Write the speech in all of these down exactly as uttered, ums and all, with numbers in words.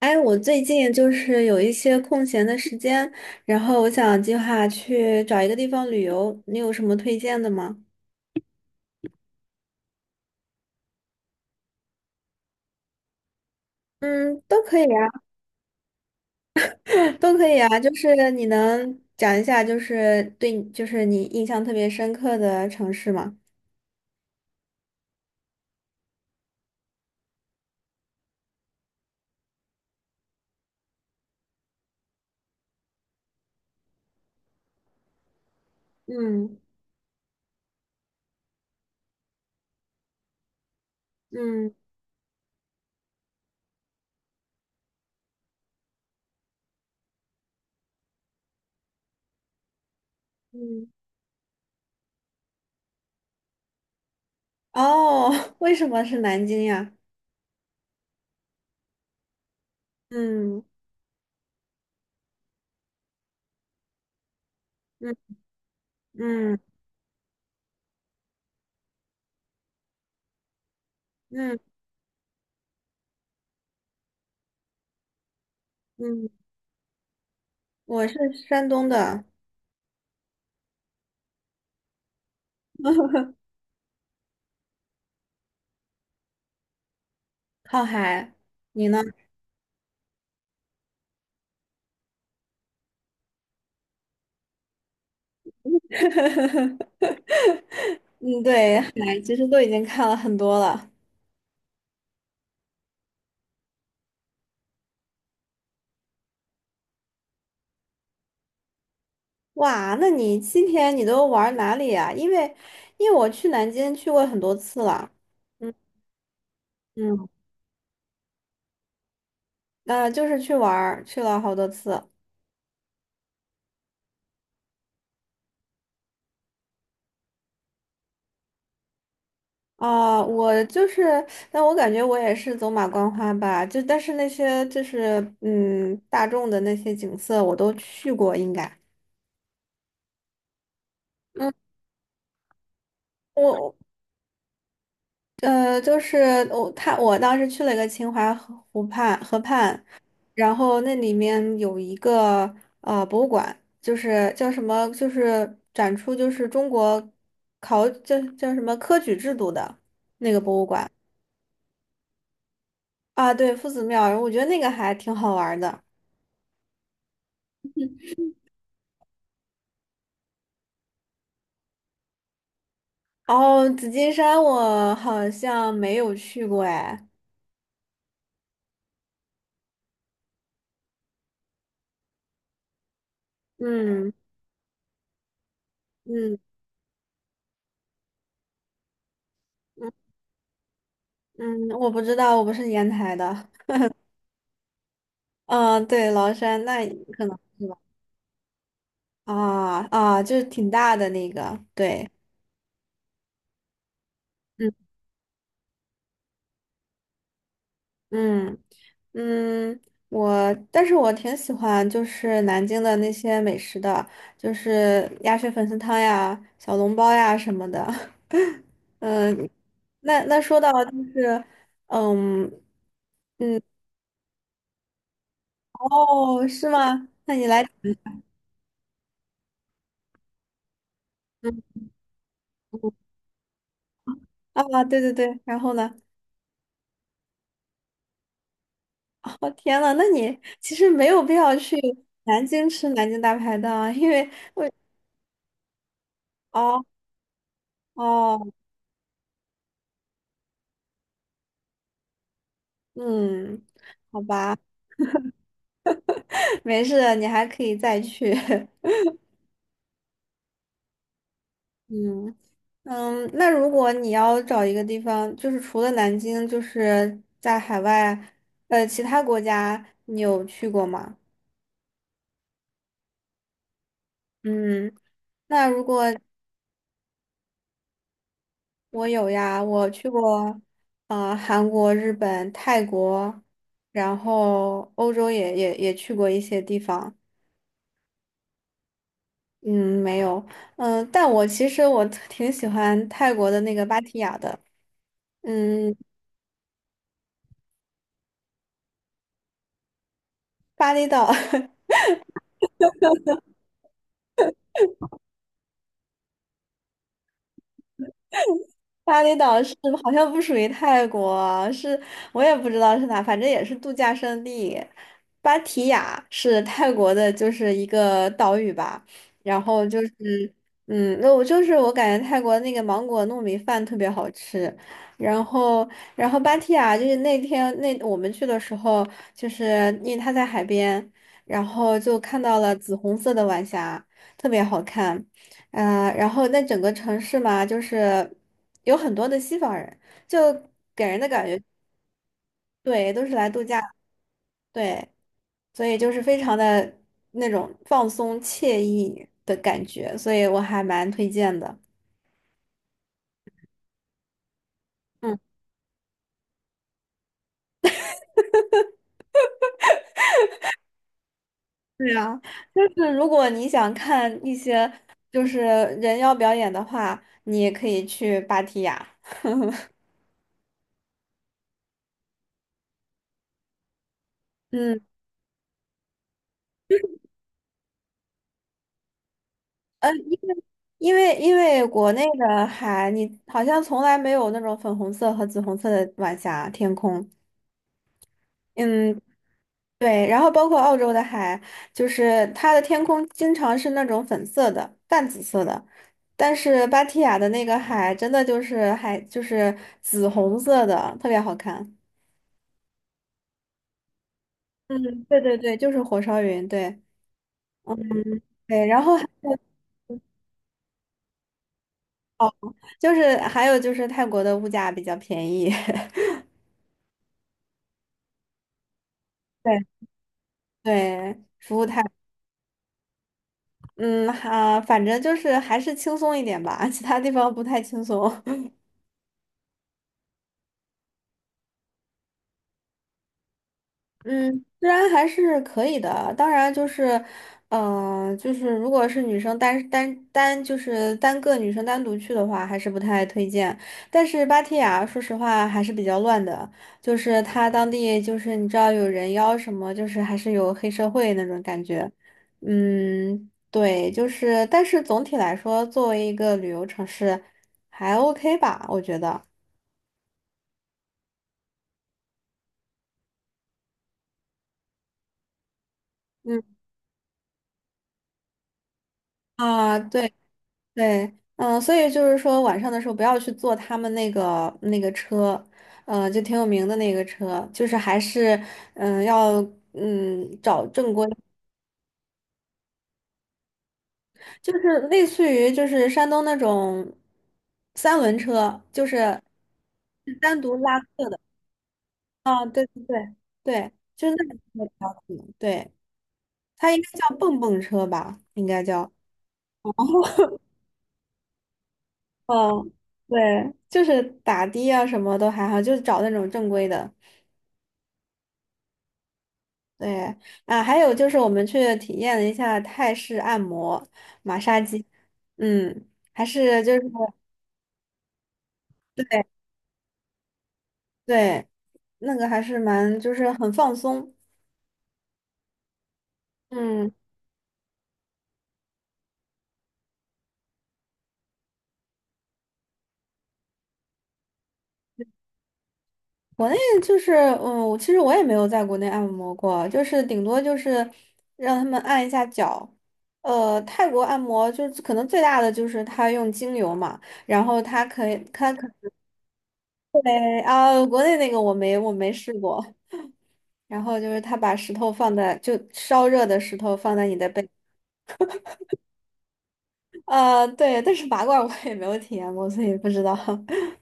哎，我最近就是有一些空闲的时间，然后我想计划去找一个地方旅游，你有什么推荐的吗？嗯，都可以啊，都可以啊，就是你能讲一下，就是对你，就是你印象特别深刻的城市吗？嗯嗯嗯。哦，为什么是南京呀？嗯嗯嗯嗯嗯。我是山东的，靠海，你呢？嗯，对，海其实都已经看了很多了。哇，那你七天你都玩哪里啊？因为，因为我去南京去过很多次了，嗯嗯。呃，就是去玩儿去了好多次。啊、我就是，但我感觉我也是走马观花吧，就但是那些就是嗯大众的那些景色我都去过，应该。嗯，我呃，就是我他我当时去了一个秦淮河湖畔河畔，然后那里面有一个呃博物馆，就是叫什么，就是展出就是中国考叫叫什么科举制度的那个博物馆。啊，对，夫子庙，我觉得那个还挺好玩儿的。然后紫金山我好像没有去过哎，嗯嗯嗯嗯。我不知道，我不是烟台的，嗯，对，崂山那可能。啊啊，就是挺大的那个，对，嗯嗯嗯。我，但是我挺喜欢就是南京的那些美食的，就是鸭血粉丝汤呀、小笼包呀什么的。嗯，那那说到就是，嗯嗯。哦，是吗？那你来，嗯嗯啊，对对对，然后呢？哦，天呐，那你其实没有必要去南京吃南京大排档啊，因为哦哦。嗯，好吧。没事的你还可以再去。嗯嗯，那如果你要找一个地方，就是除了南京，就是在海外，呃，其他国家你有去过吗？嗯，那如果我有呀，我去过，呃，韩国、日本、泰国，然后欧洲也也也去过一些地方。嗯，没有，嗯，但我其实我 挺喜欢泰国的那个芭提雅的。嗯，巴厘岛。巴厘岛是好像不属于泰国，是我也不知道是哪，反正也是度假胜地。芭提雅是泰国的，就是一个岛屿吧。然后就是，嗯，那我就是我感觉泰国那个芒果糯米饭特别好吃。然后，然后芭提雅就是那天那我们去的时候，就是因为它在海边，然后就看到了紫红色的晚霞，特别好看。呃，然后那整个城市嘛，就是有很多的西方人，就给人的感觉，对，都是来度假，对，所以就是非常的那种放松惬意的感觉，所以我还蛮推荐的。嗯，对啊，就是如果你想看一些就是人妖表演的话，你也可以去芭提雅。嗯，呃，因为因为因为国内的海，你好像从来没有那种粉红色和紫红色的晚霞天空。嗯，对，然后包括澳洲的海，就是它的天空经常是那种粉色的、淡紫色的，但是芭提雅的那个海真的就是海，就是紫红色的，特别好看。嗯，对对对，就是火烧云，对对，然后还有哦，就是还有就是泰国的物价比较便宜。对对，服务态，嗯啊，反正就是还是轻松一点吧，其他地方不太轻松。嗯，虽然还是可以的啊。当然，就是，呃，就是如果是女生单单单就是单个女生单独去的话，还是不太推荐。但是芭提雅，说实话还是比较乱的，就是它当地就是你知道有人妖什么，就是还是有黑社会那种感觉。嗯，对，就是，但是总体来说，作为一个旅游城市，还 OK 吧，我觉得。嗯啊，对。对，嗯，所以就是说晚上的时候不要去坐他们那个那个车，嗯，就挺有名的那个车，就是还是嗯要嗯找正规，就是类似于就是山东那种三轮车，就是单独拉客的啊，对对对对，就是那种车比较可能对，它应该叫蹦蹦车吧，应该叫。嗯，对，就是打的啊，什么都还好，就是找那种正规的。对啊，还有就是我们去体验了一下泰式按摩、马杀鸡，嗯，还是就是对对，那个还是蛮就是很放松，嗯，国内就是嗯，我其实我也没有在国内按摩过，就是顶多就是让他们按一下脚，呃，泰国按摩就是可能最大的就是他用精油嘛，然后他可以他可对啊，国内那个我没我没试过，然后就是他把石头放在，就烧热的石头放在你的背，呃，对，但是拔罐我也没有体验过，所以不知道。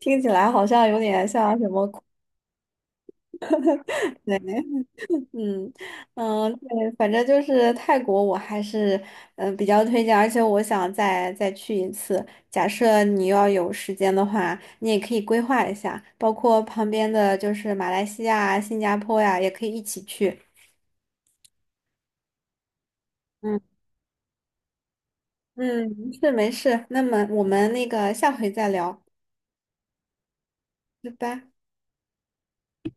听起来好像有点像什么苦，对，嗯嗯，对，反正就是泰国，我还是嗯、呃比较推荐，而且我想再再去一次。假设你要有时间的话，你也可以规划一下，包括旁边的就是马来西亚啊新加坡呀、也可以一起去。嗯嗯，是没事，那么我们那个下回再聊。拜拜。